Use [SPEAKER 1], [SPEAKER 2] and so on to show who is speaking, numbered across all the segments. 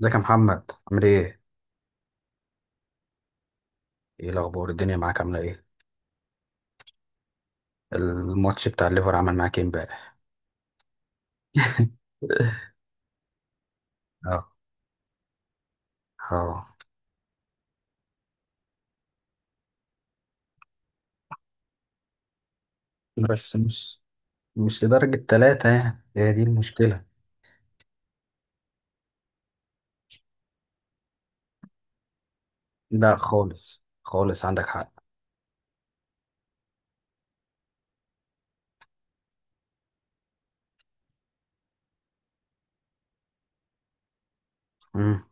[SPEAKER 1] ازيك يا محمد عامل ايه؟ ايه الاخبار الدنيا معاك عامله ايه؟ الماتش بتاع الليفر عمل معاك ايه امبارح؟ اه اه. بس مش لدرجة ثلاثة، يعني هي دي المشكلة. لا، خالص خالص، عندك حق. مم.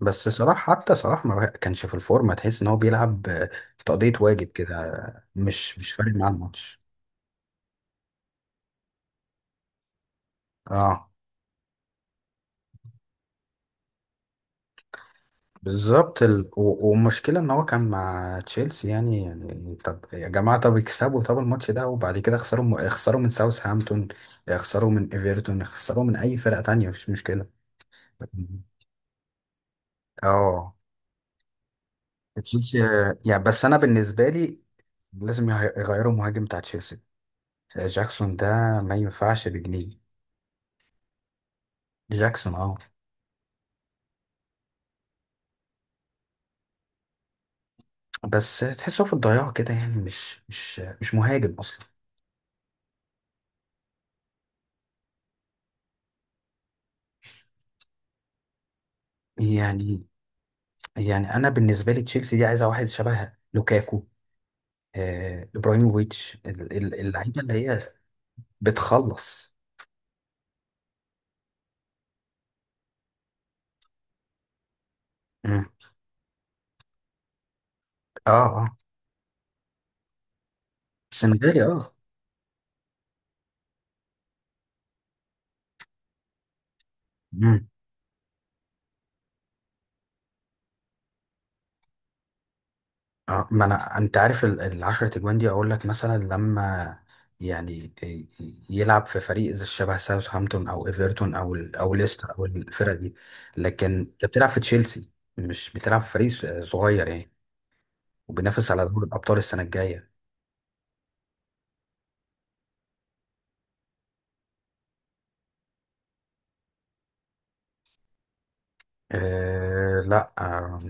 [SPEAKER 1] بس صلاح، حتى صلاح ما كانش في الفورمة، تحس ان هو بيلعب تقضية واجب كده، مش فارق معاه الماتش. اه بالظبط. والمشكلة ان هو كان مع تشيلسي، يعني طب يا جماعة، طب اكسبوا طب الماتش ده، وبعد كده خسروا، خسروا من ساوثهامبتون، خسروا من ايفرتون، خسروا من اي فرقة تانية، مفيش مشكلة. اه تشيلسي. يعني بس انا بالنسبة لي، لازم يغيروا المهاجم بتاع تشيلسي، جاكسون ده ما ينفعش بجنيه. جاكسون اه. بس تحسه في الضياع كده، يعني مش مهاجم اصلا. يعني يعني انا بالنسبه لي تشيلسي دي عايزه واحد شبه لوكاكو، ابراهيموفيتش، اللعيبه اللي هي بتخلص. مم. اه اه سنغالي اه. مم. اه، ما انا انت عارف العشرة اجوان دي، اقول لك مثلا لما يعني يلعب في فريق زي شبه ساوثهامبتون او ايفرتون او او ليستر او الفرق دي، لكن انت بتلعب في تشيلسي، مش بتلعب في فريق صغير يعني، وبينافس على دوري الابطال السنه الجايه. أه لا،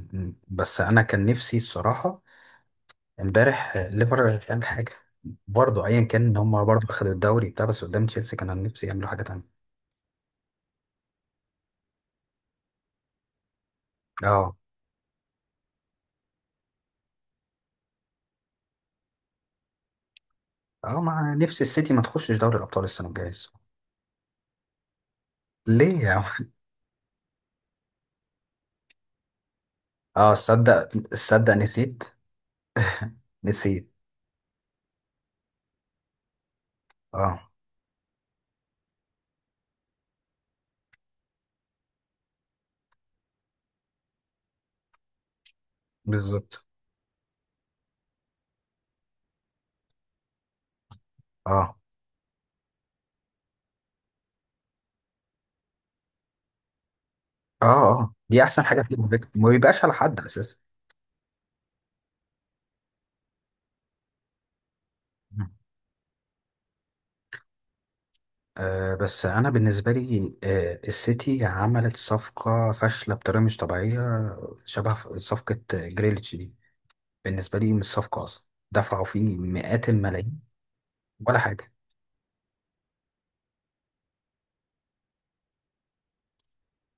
[SPEAKER 1] بس انا كان نفسي الصراحه امبارح ليفر مش عامل حاجه برضه، ايا كان ان هم برضه اخدوا الدوري بتاع، بس قدام تشيلسي كان أنا نفسي يعملوا حاجه تانية. اه اه. مع نفسي السيتي ما تخشش دوري الابطال السنه الجايه الصراحة. ليه يا عم؟ اه صدق، صدق نسيت، نسيت. اه بالظبط. اه اه اه دي احسن حاجه فيهم، فكرة. ما بيبقاش على حد اساسا. بس انا بالنسبه لي السيتي عملت صفقه فاشله بطريقه مش طبيعيه، شبه صفقه جريليتش دي، بالنسبه لي مش صفقه اصلا، دفعوا فيه مئات الملايين ولا حاجه.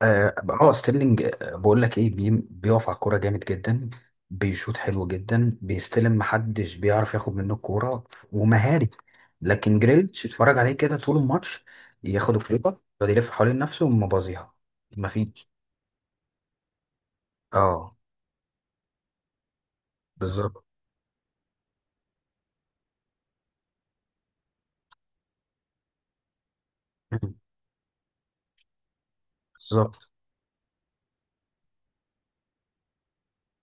[SPEAKER 1] اه، ستيرلينج، بقول لك ايه، بيقف على الكوره جامد جدا، بيشوط حلو جدا، بيستلم، محدش بيعرف ياخد منه الكوره، ومهاري. لكن جريليتش اتفرج عليه كده طول الماتش، ياخد الكوره يقعد يلف حوالين نفسه ومبازيها، مفيش. اه بالظبط. بالظبط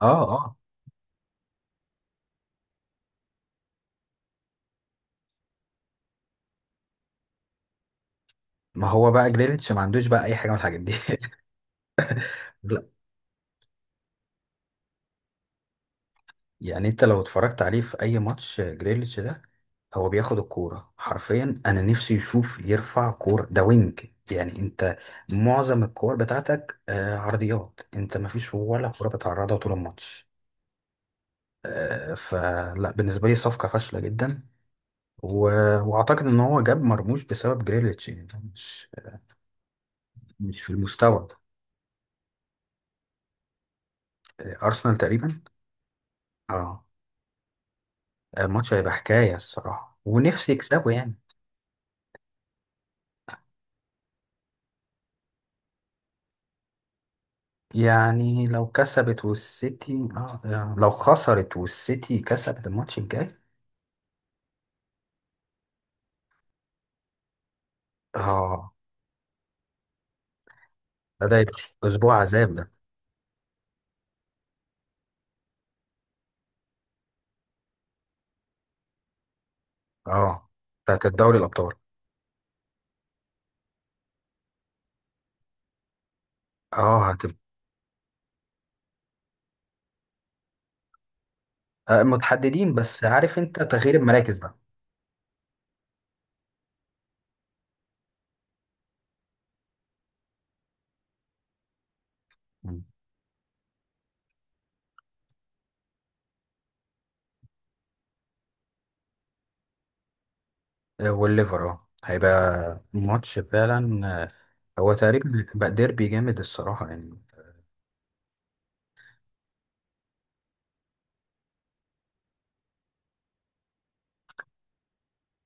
[SPEAKER 1] اه اه. ما هو بقى جريليتش ما عندوش بقى اي حاجه من الحاجات دي. يعني انت لو اتفرجت عليه في اي ماتش، جريليتش ده هو بياخد الكورة حرفيا، انا نفسي يشوف يرفع كورة، ده وينج يعني. انت معظم الكور بتاعتك عرضيات، انت مفيش ولا كورة بتعرضها طول الماتش. فلا، بالنسبة لي صفقة فاشلة جدا. و... واعتقد ان هو جاب مرموش بسبب جريليتش، يعني مش مش في المستوى ده. ارسنال تقريبا. اه، الماتش هيبقى حكاية الصراحة، ونفسي يكسبه يعني. يعني لو كسبت والسيتي اه، يعني لو خسرت والسيتي كسبت الماتش الجاي. اه، ده يبقى اسبوع عذاب ده. اه بتاعت الدوري الابطال. اه هتبقى. متحددين بس، عارف انت تغيير المراكز بقى. مم. والليفر اه هيبقى ماتش فعلا، هو تقريبا بقى ديربي جامد الصراحة يعني.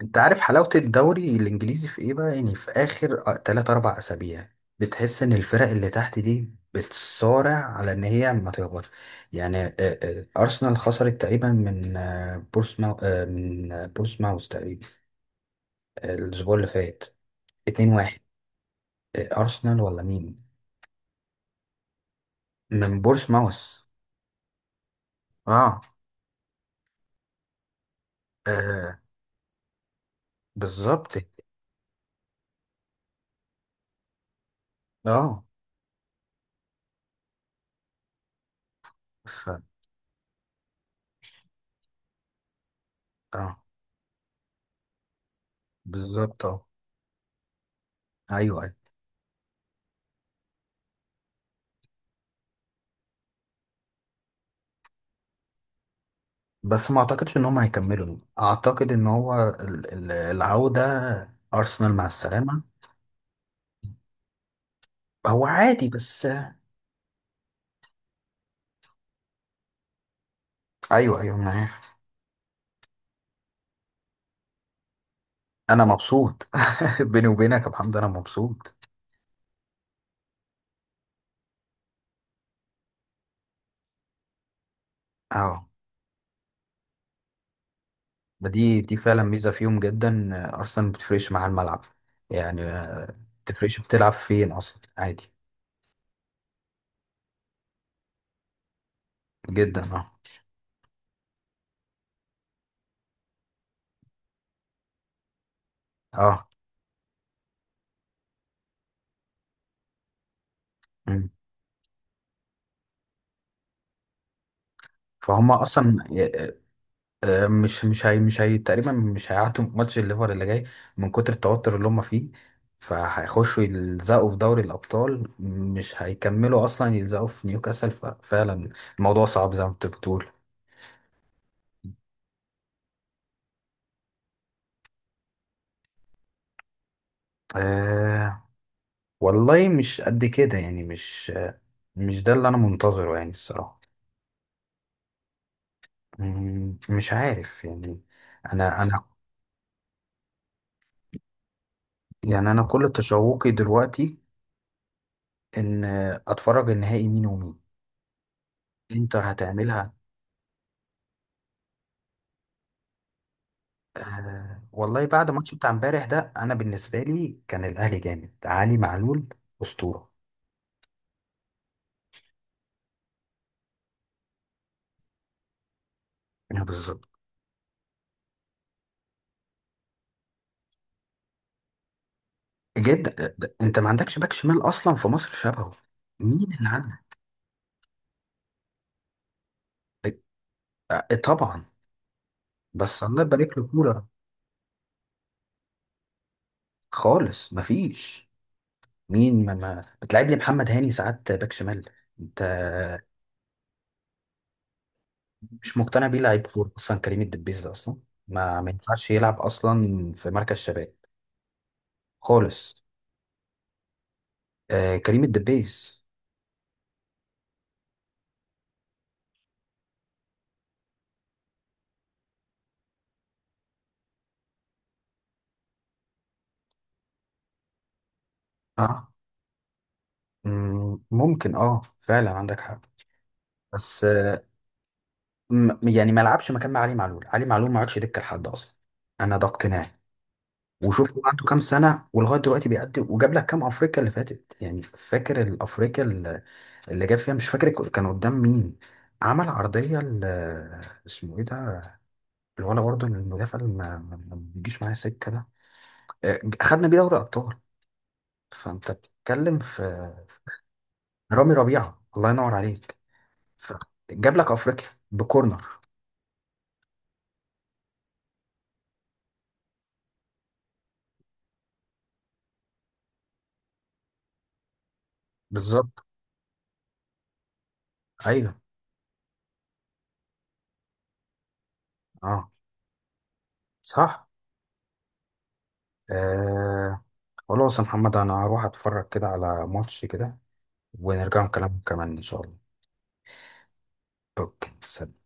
[SPEAKER 1] انت عارف حلاوة الدوري الانجليزي في ايه بقى؟ يعني في اخر 3 4 اسابيع، بتحس ان الفرق اللي تحت دي بتصارع على ان هي ما تهبطش، يعني ارسنال خسرت تقريبا من بورسماو، آه، من آه، بورسماوث تقريبا، الاسبوع اللي فات 2-1. ارسنال ولا مين؟ من بورسماوث اه. آه، بالظبط اه. ف اه بالظبط اه. ايوه أيوه. بس ما اعتقدش ان هم هيكملوا دول. اعتقد ان هو العودة، ارسنال مع السلامة. هو عادي بس. ايوه ايوه انا عارف. انا مبسوط. بيني وبينك يا محمد انا مبسوط. اه، ما دي فعلا ميزة فيهم جدا، ارسنال ما بتفرقش مع الملعب، يعني ما بتفرقش بتلعب فين، اصلا عادي جدا. اه اه. مم. فهم اصلا مش هي تقريبا مش هيعدوا ماتش الليفر اللي جاي، من كتر التوتر اللي هم فيه، فهيخشوا يلزقوا في دوري الأبطال، مش هيكملوا أصلا يلزقوا في نيوكاسل. ففعلا الموضوع صعب زي ما انت بتقول. أه، والله مش قد كده يعني، مش ده اللي أنا منتظره يعني الصراحة. مم، مش عارف يعني. أنا يعني، أنا كل تشوقي دلوقتي إن أتفرج النهائي مين ومين. انتر هتعملها. آه والله، بعد الماتش بتاع امبارح ده، انا بالنسبه لي كان الاهلي جامد. علي معلول اسطوره. بالظبط جدا. انت ما عندكش باك شمال اصلا في مصر شبهه. مين اللي عندك؟ طبعا، بس الله يبارك له كولر. خالص، مفيش. مين ما بتلعب لي محمد هاني ساعات باك شمال، انت؟ مش مقتنع بيه، لعيب كوره اصلا كريم الدبيس ده، اصلا ما ينفعش يلعب اصلا في مركز شباب خالص. آه كريم الدبيس اه. مم، ممكن اه، فعلا عندك حق. بس يعني ما لعبش مكان مع علي معلول، علي معلول ما عادش دكه لحد اصلا، انا ده اقتناعي. وشوف هو عنده كام سنه ولغايه دلوقتي بيأدي، وجاب لك كام افريقيا اللي فاتت؟ يعني فاكر الافريقيا اللي اللي جاب فيها؟ مش فاكر كان قدام مين، عمل عرضيه اسمه ايه ده، الولا برضه المدافع اللي ما بيجيش معايا سكه ده، اخدنا بيه دوري ابطال. فانت بتتكلم في رامي ربيعه، الله ينور عليك. ف- جاب لك افريقيا بكورنر. بالظبط ايوه. اه صح آه. خلاص يا محمد، انا هروح اتفرج كده على ماتش كده، ونرجع نكلم كمان ان شاء الله. اوكي، سلام.